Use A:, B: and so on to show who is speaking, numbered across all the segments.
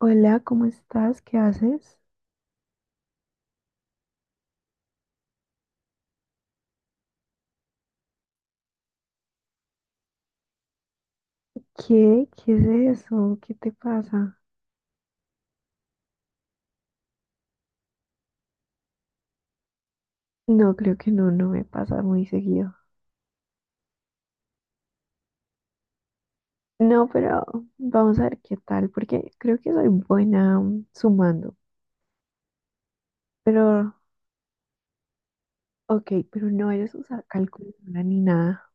A: Hola, ¿cómo estás? ¿Qué haces? ¿Qué? ¿Qué es eso? ¿Qué te pasa? No, creo que no, no me pasa muy seguido. No, pero vamos a ver qué tal, porque creo que soy buena sumando. Pero, ok, pero no eres usar calculadora ni nada.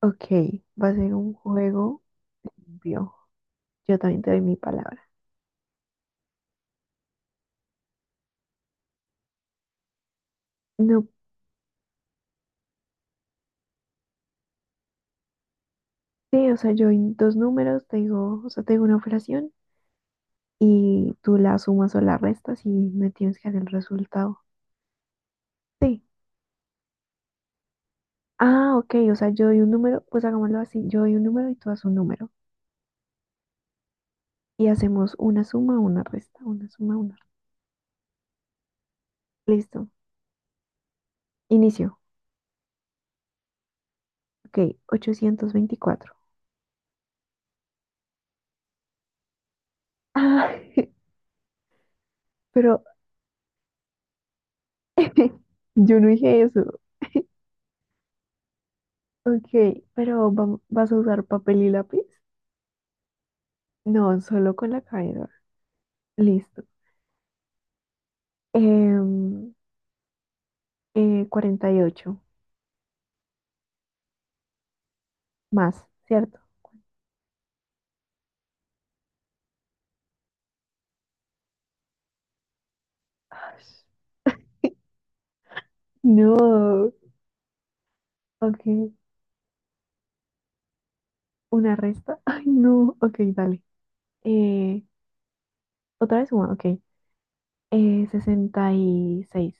A: Ok, va a ser un juego limpio. Yo también te doy mi palabra. No, sí, o sea, yo en dos números te digo, o sea, te digo una operación y tú la sumas o la restas y me tienes que dar el resultado. Sí. Ah, ok, o sea, yo doy un número, pues hagámoslo así, yo doy un número y tú das un número. Y hacemos una suma, una resta, una suma, una resta. Listo. Inicio. Ok, 824. Ah, pero yo no dije eso. Ok, pero ¿vas a usar papel y lápiz? No, solo con la cabeza. Listo. Em, 48 más, ¿cierto? Ay, no, ok, una resta. Ay, no, ok, dale. Eh, Otra vez una, ok. 66.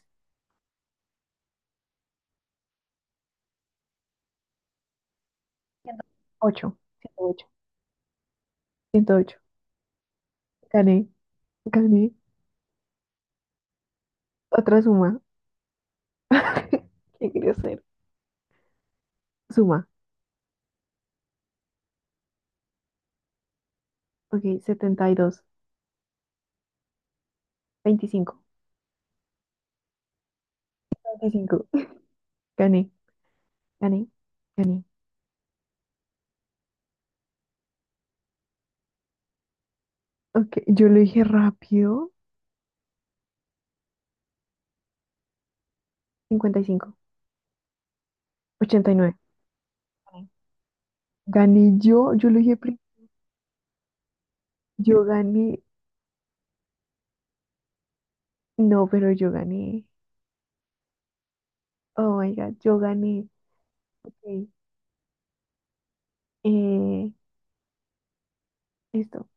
A: 108 108 108. Gané. Gané. Otra suma. ¿Qué quería hacer? Suma. Ok, 72, 25 25 Gané. Gané. Gané. Ok, yo lo dije rápido. 55. 89. Gané. Gané yo. Yo lo dije. Yo gané. No, pero yo gané. Oh my God, yo gané. Ok. Eh, esto.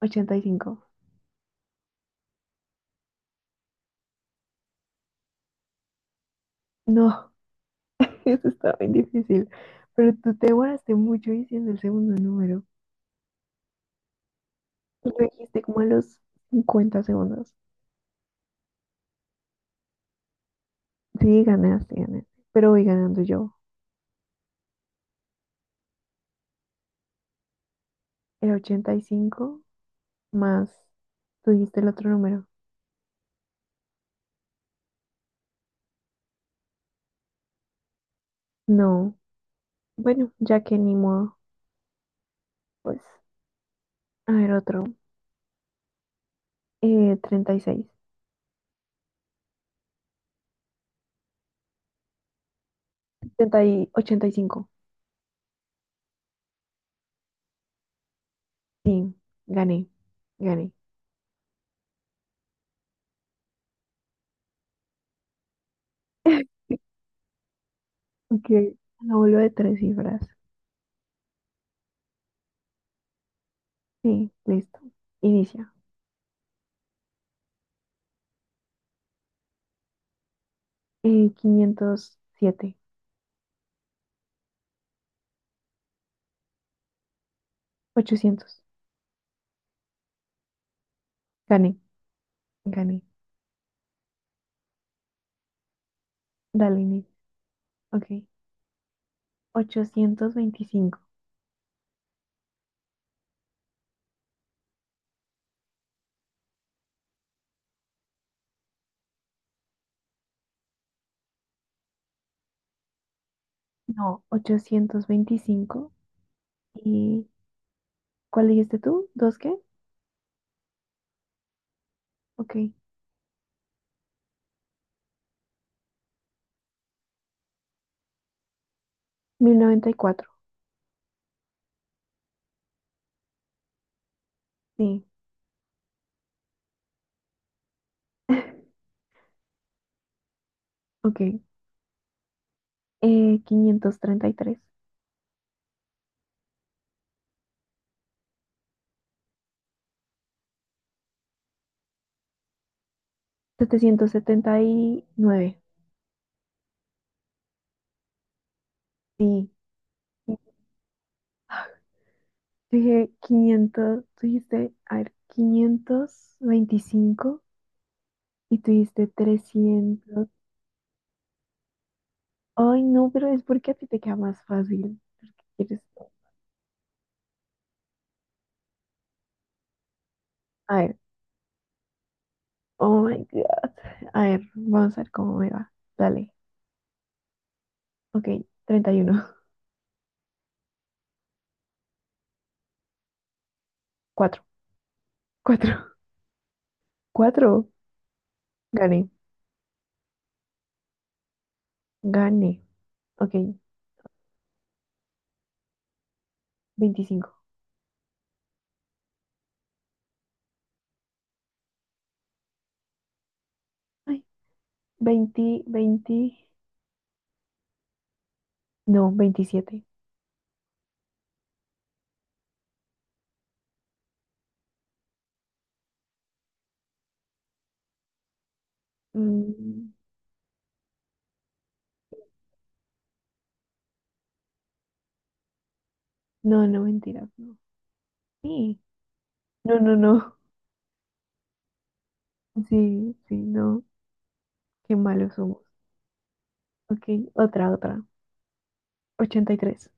A: 85. No. Eso está bien difícil. Pero tú te demoraste mucho diciendo el segundo número. Lo dijiste como a los 50 segundos. Sí, ganaste, ganaste. Pero voy ganando yo. Era 85 más. Tú dijiste el otro número. No. Bueno, ya que ni modo. Pues, a ver, otro. 36 30 y 85 Sí, gané. Gané. Ok. Lo vuelvo de tres cifras. Sí, listo. Inicia. 507, 800. Gané, gané. Dale, Nick. Ok. 825. No, 825. ¿Y cuál dijiste tú? ¿Dos qué? Ok. 1094. Sí. Ok. 533, 779. Sí. Ah, dije 500. Tú dijiste, a ver, 525. Y tú dijiste 300. Ay, no, pero es porque a ti te queda más fácil porque quieres. A ver. Oh my God. A ver, vamos a ver cómo me va. Dale. Ok, 31, cuatro, cuatro, cuatro. Gané. Gané. Ok, 25. Ay, 20, 20. No, 27. Mm, no, no, mentiras, no. Sí. No, no, no. Sí, sí, no. Qué malos somos. Ok, otra, otra. 83,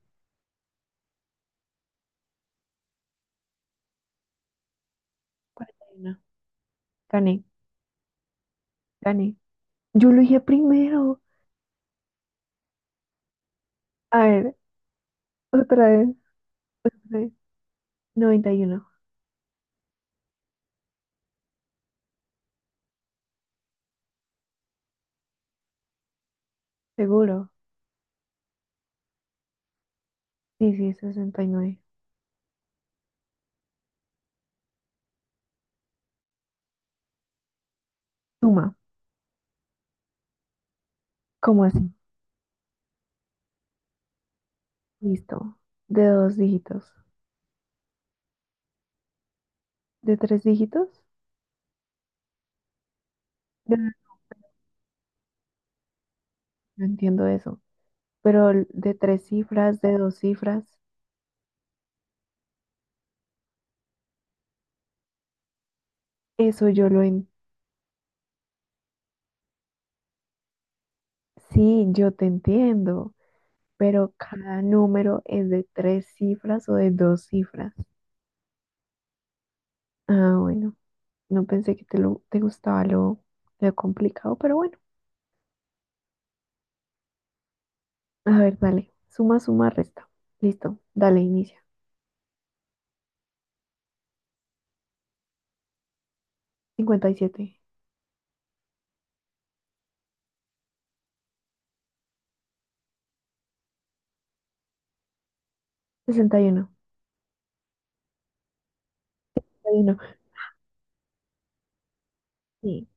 A: 41. Gané, gané. Yo lo dije primero. A ver, otra vez. Otra y uno. Seguro. Sí, sí, 69. Suma. ¿Cómo así? Listo. De dos dígitos. ¿De tres dígitos? De- No entiendo eso. Pero de tres cifras, de dos cifras, eso yo lo en… Sí, yo te entiendo. Pero cada número es de tres cifras o de dos cifras. Ah, bueno. No pensé que te gustaba lo complicado, pero bueno. A ver, dale. Suma, suma, resta. Listo. Dale, inicia. Cincuenta y siete, sesenta uno, 61. Sí.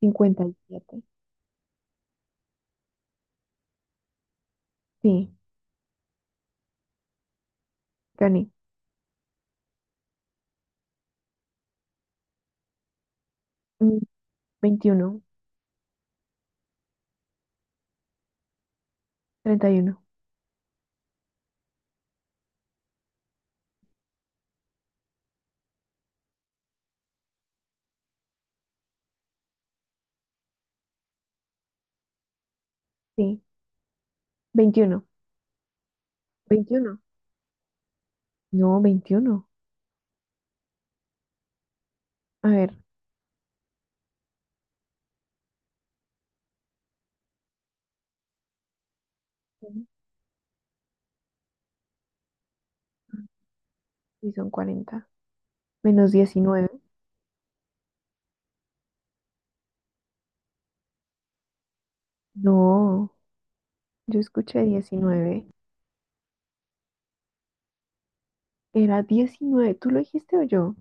A: 57. Sí, gané. Mm, 21, 31. Sí, 21 21 No, 21. A ver, sí son 40. Menos 19. No, yo escuché 19. Era 19. ¿Tú lo dijiste o yo?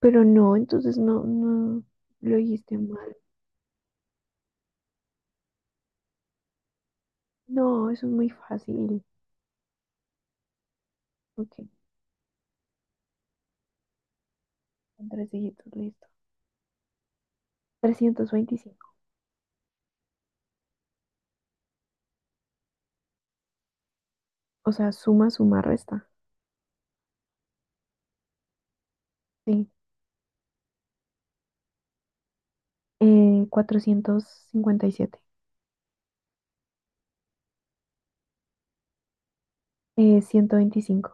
A: Pero no, entonces no, no, lo dijiste mal. No, eso es muy fácil. Ok, son tres dígitos, listo. 325. O sea, suma, suma, resta. Sí. 457. 125,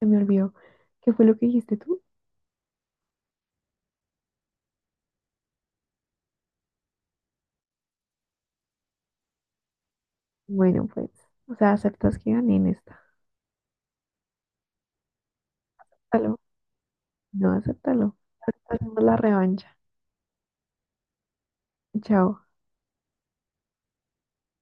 A: se me olvidó. ¿Qué fue lo que dijiste tú? Bueno, pues, o sea, aceptas que gané en esta. Acéptalo. No, acéptalo. Hacemos la revancha. Chao.